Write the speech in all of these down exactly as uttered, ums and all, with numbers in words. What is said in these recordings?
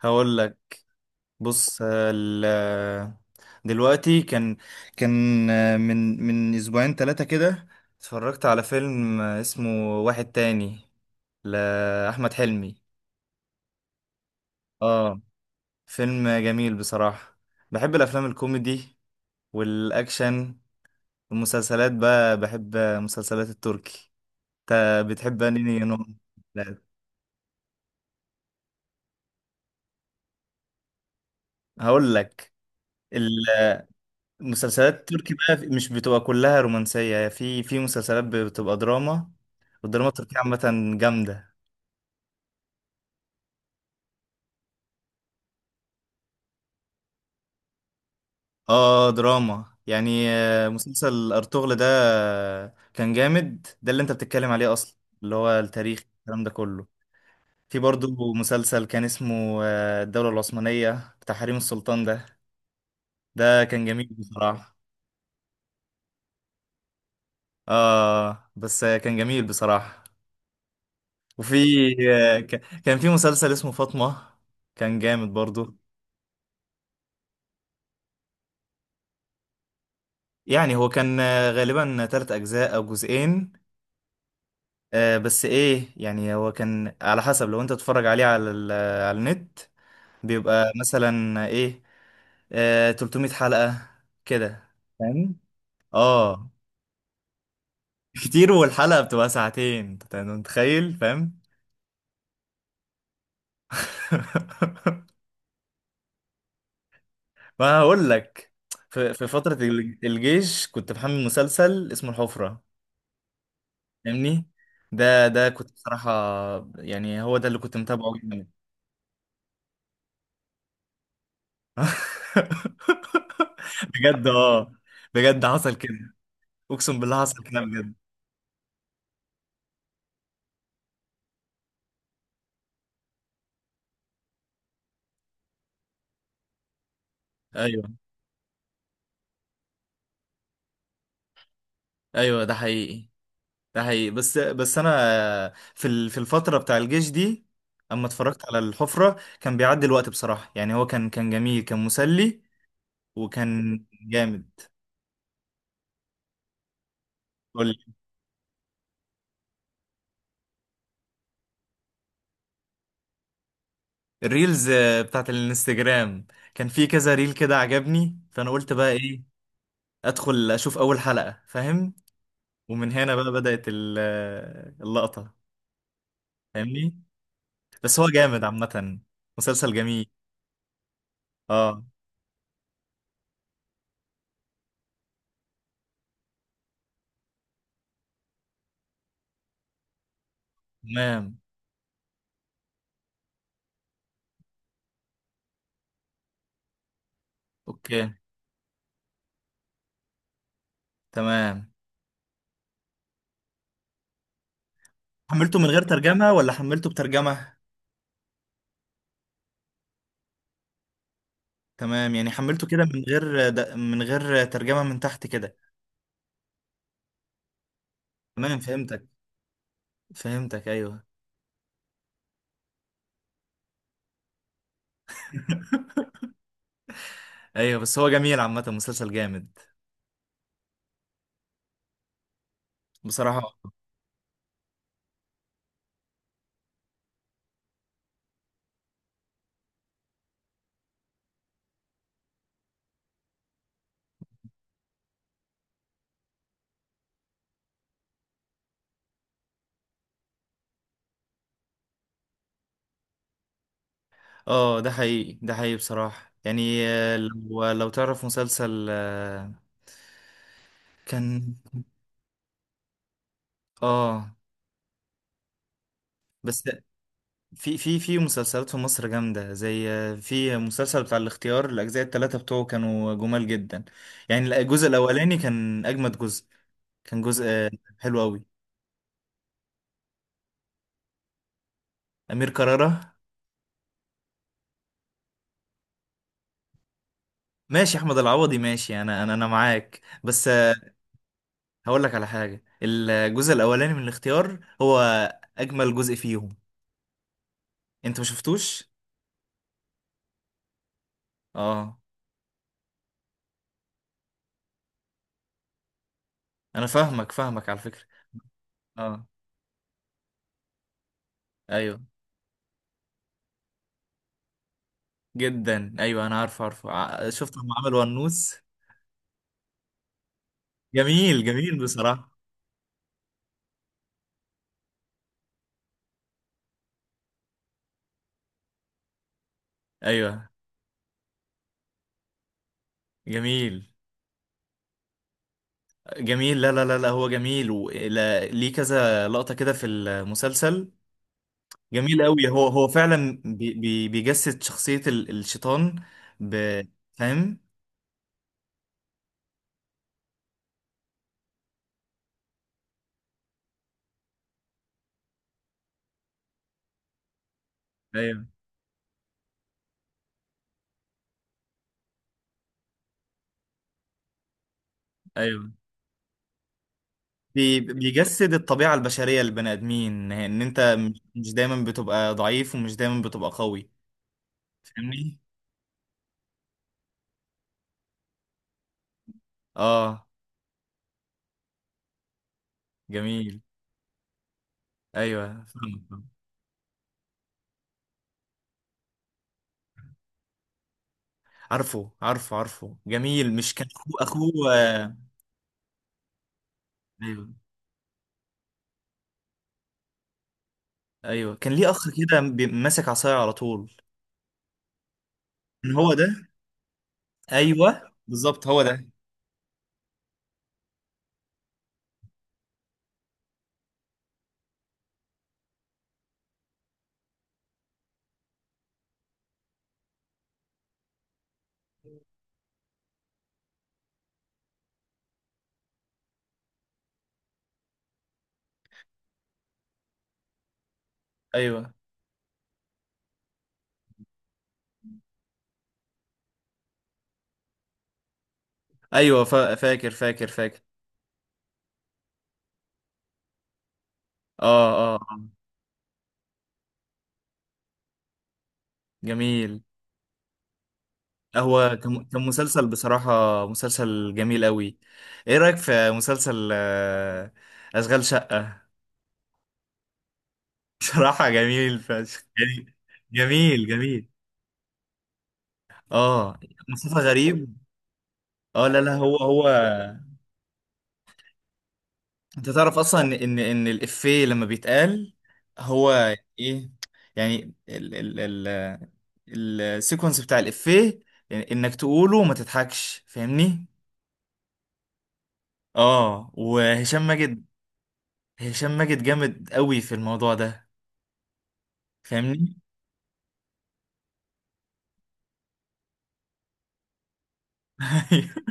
هقول لك. بص، ال- دلوقتي كان كان من من اسبوعين ثلاثة كده اتفرجت على فيلم اسمه واحد تاني لأحمد حلمي. اه، فيلم جميل بصراحة. بحب الافلام الكوميدي والاكشن. المسلسلات بقى، بحب مسلسلات التركي. انت بتحب انهي نوع؟ لا، هقول لك. مسلسلات التركي بقى، في- مش بتبقى كلها رومانسية. في في مسلسلات بتبقى دراما، والدراما التركية عامة جامدة. اه، دراما يعني. آه، مسلسل أرطغرل ده كان جامد. ده اللي انت بتتكلم عليه اصلا، اللي هو التاريخ الكلام ده كله. في برضو مسلسل كان اسمه آه، الدولة العثمانية بتاع حريم السلطان ده. ده كان جميل بصراحة. اه، بس آه، كان جميل بصراحة. وفي آه، ك- كان في مسلسل اسمه فاطمة. كان جامد برضو. يعني هو كان آه، غالبا تلات أجزاء أو جزئين. آه، بس إيه، يعني هو كان على حسب، لو أنت تتفرج عليه على ال- آه، على النت، بيبقى مثلا إيه، آه، 300 حلقة كده. فاهم؟ آه. كتير، والحلقة بتبقى ساعتين، أنت متخيل؟ فاهم؟ ما هقول لك. في في فترة الج- الجيش كنت بحمل مسلسل اسمه الحفرة. فاهمني؟ ده ده كنت بصراحة، يعني هو ده اللي كنت متابعه. بجد اه، بجد حصل كده. اقسم بالله حصل كده بجد. ايوه، ايوه، ده حقيقي. ده حقيقي، بس بس انا، في ال- في الفتره بتاع الجيش دي، اما اتفرجت على الحفره كان بيعدي الوقت بصراحه. يعني هو كان كان جميل، كان مسلي، وكان جامد. قول لي. الريلز آه، بتاعت الانستجرام. كان في كذا ريل كده عجبني، فانا قلت بقى ايه، ادخل اشوف اول حلقه. فاهم؟ ومن هنا بقى بدات ال- آه، اللقطه. فاهمني؟ بس هو جامد عامة، مسلسل جميل. اه، تمام. اوكي، تمام. حملته من غير ترجمة ولا حملته بترجمة؟ تمام، يعني حملته كده من غير د... من غير ترجمة من تحت كده. تمام، فهمتك، فهمتك، ايوه. ايوه، بس هو جميل عامة، مسلسل جامد بصراحة. اه، ده حقيقي. ده حقيقي بصراحة، يعني آه، لو لو تعرف مسلسل آه، كان، اه. بس في في في مسلسلات في مصر جامدة، زي في مسلسل بتاع الاختيار. الأجزاء التلاتة بتوعه كانوا جمال جدا. يعني الجزء الأولاني كان أجمد جزء. كان جزء آه، حلو أوي. أمير كرارة، ماشي. أحمد العوضي، ماشي. أنا أنا أنا معاك، بس هقول لك على حاجة. الجزء الأولاني من الاختيار هو أجمل جزء فيهم. أنت ما شفتوش؟ آه. أنا فاهمك، فاهمك على فكرة. آه، أيوه. جدا، أيوه. أنا عارف، عارفه، ع- شفت هم عملوا ونوس. جميل، جميل بصراحة. ايوه، جميل، جميل. لا، لا، لا، لا، هو جميل، ولا ليه كذا لقطة كده في المسلسل. جميل قوي. هو هو فعلا بي بي بيجسد شخصية ال- الشيطان. ب فاهم؟ ايوه، ايوه. بي بيجسد الطبيعة البشرية للبني آدمين، ان انت مش مش دايما بتبقى ضعيف، ومش دايما بتبقى قوي. فاهمني؟ اه، جميل. ايوه، فاهمك. عارفه، عارفه، عارفه، جميل. مش كان اخوه اخوه آه، ايوه، ايوه، كان ليه اخ كده بي- ماسك عصايه على طول. كان هو ده. ايوه، بالظبط هو ده. ايوه، ايوه، فا- فاكر، فاكر، فاكر. اه، اه، جميل. آه، هو كان كان مسلسل بصراحه، مسلسل جميل قوي. ايه رايك في مسلسل آه، اشغال شقه؟ بصراحه جميل فشخ، يعني. جميل، جميل. اه، مصطفى غريب. اه، لا، لا، هو هو انت تعرف اصلا ان ان ان الافيه لما بيتقال هو ايه؟ يعني ال ال ال السيكونس بتاع الافيه، يعني انك تقوله وما تضحكش. فاهمني؟ اه. وهشام ماجد، هشام ماجد جامد قوي في الموضوع ده. فاهمني؟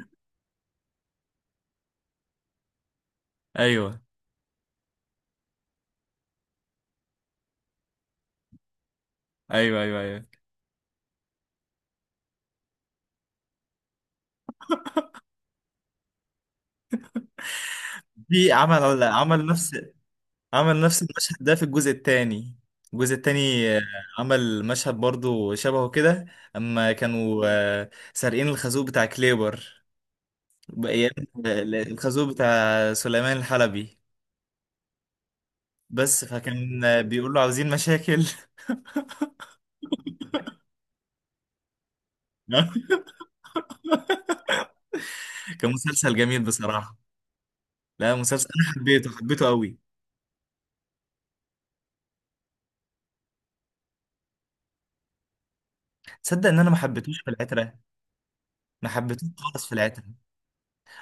ايوه، ايوه، ايوه، ايوه. في عمل عمل نفس عمل نفس المشهد ده في الجزء الثاني. الجزء الثاني عمل مشهد برضو شبهه كده، اما كانوا آه، سارقين الخازوق بتاع كليبر بأيام. الخازوق بتاع سليمان الحلبي. بس فكان آه، بيقول له عاوزين مشاكل. كان مسلسل جميل بصراحة. لا، مسلسل انا حبيته، حبيته قوي. تصدق ان انا ما حبيتوش في العترة؟ ما حبيتوش خالص في العترة.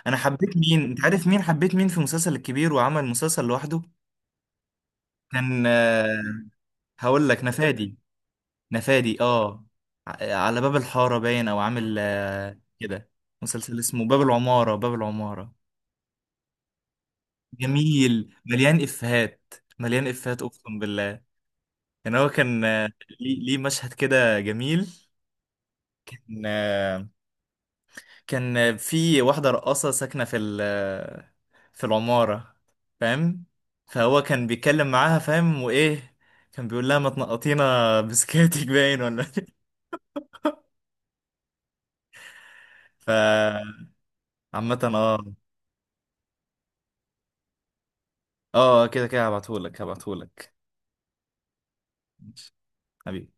انا حبيت مين؟ انت عارف مين حبيت؟ مين في المسلسل الكبير وعمل مسلسل لوحده؟ كان آه، هقول لك، نفادي. نفادي، اه. ع- على باب الحارة باين، او عامل آه، كده. مسلسل اسمه باب العمارة. باب العمارة جميل، مليان افيهات. مليان افيهات اقسم بالله. يعني هو كان آه، ليه ليه مشهد كده جميل. كان آه، كان، آه، في واحدة رقاصة ساكنة في ال- آه، في العمارة. فاهم؟ فهو كان بيتكلم معاها، فاهم؟ وايه؟ كان بيقول لها: ما تنقطينا بسكاتك باين ولا؟ فعامة. اه، اه، كده كده هبعتهولك، هبعتهولك. ماشي. حبيبي.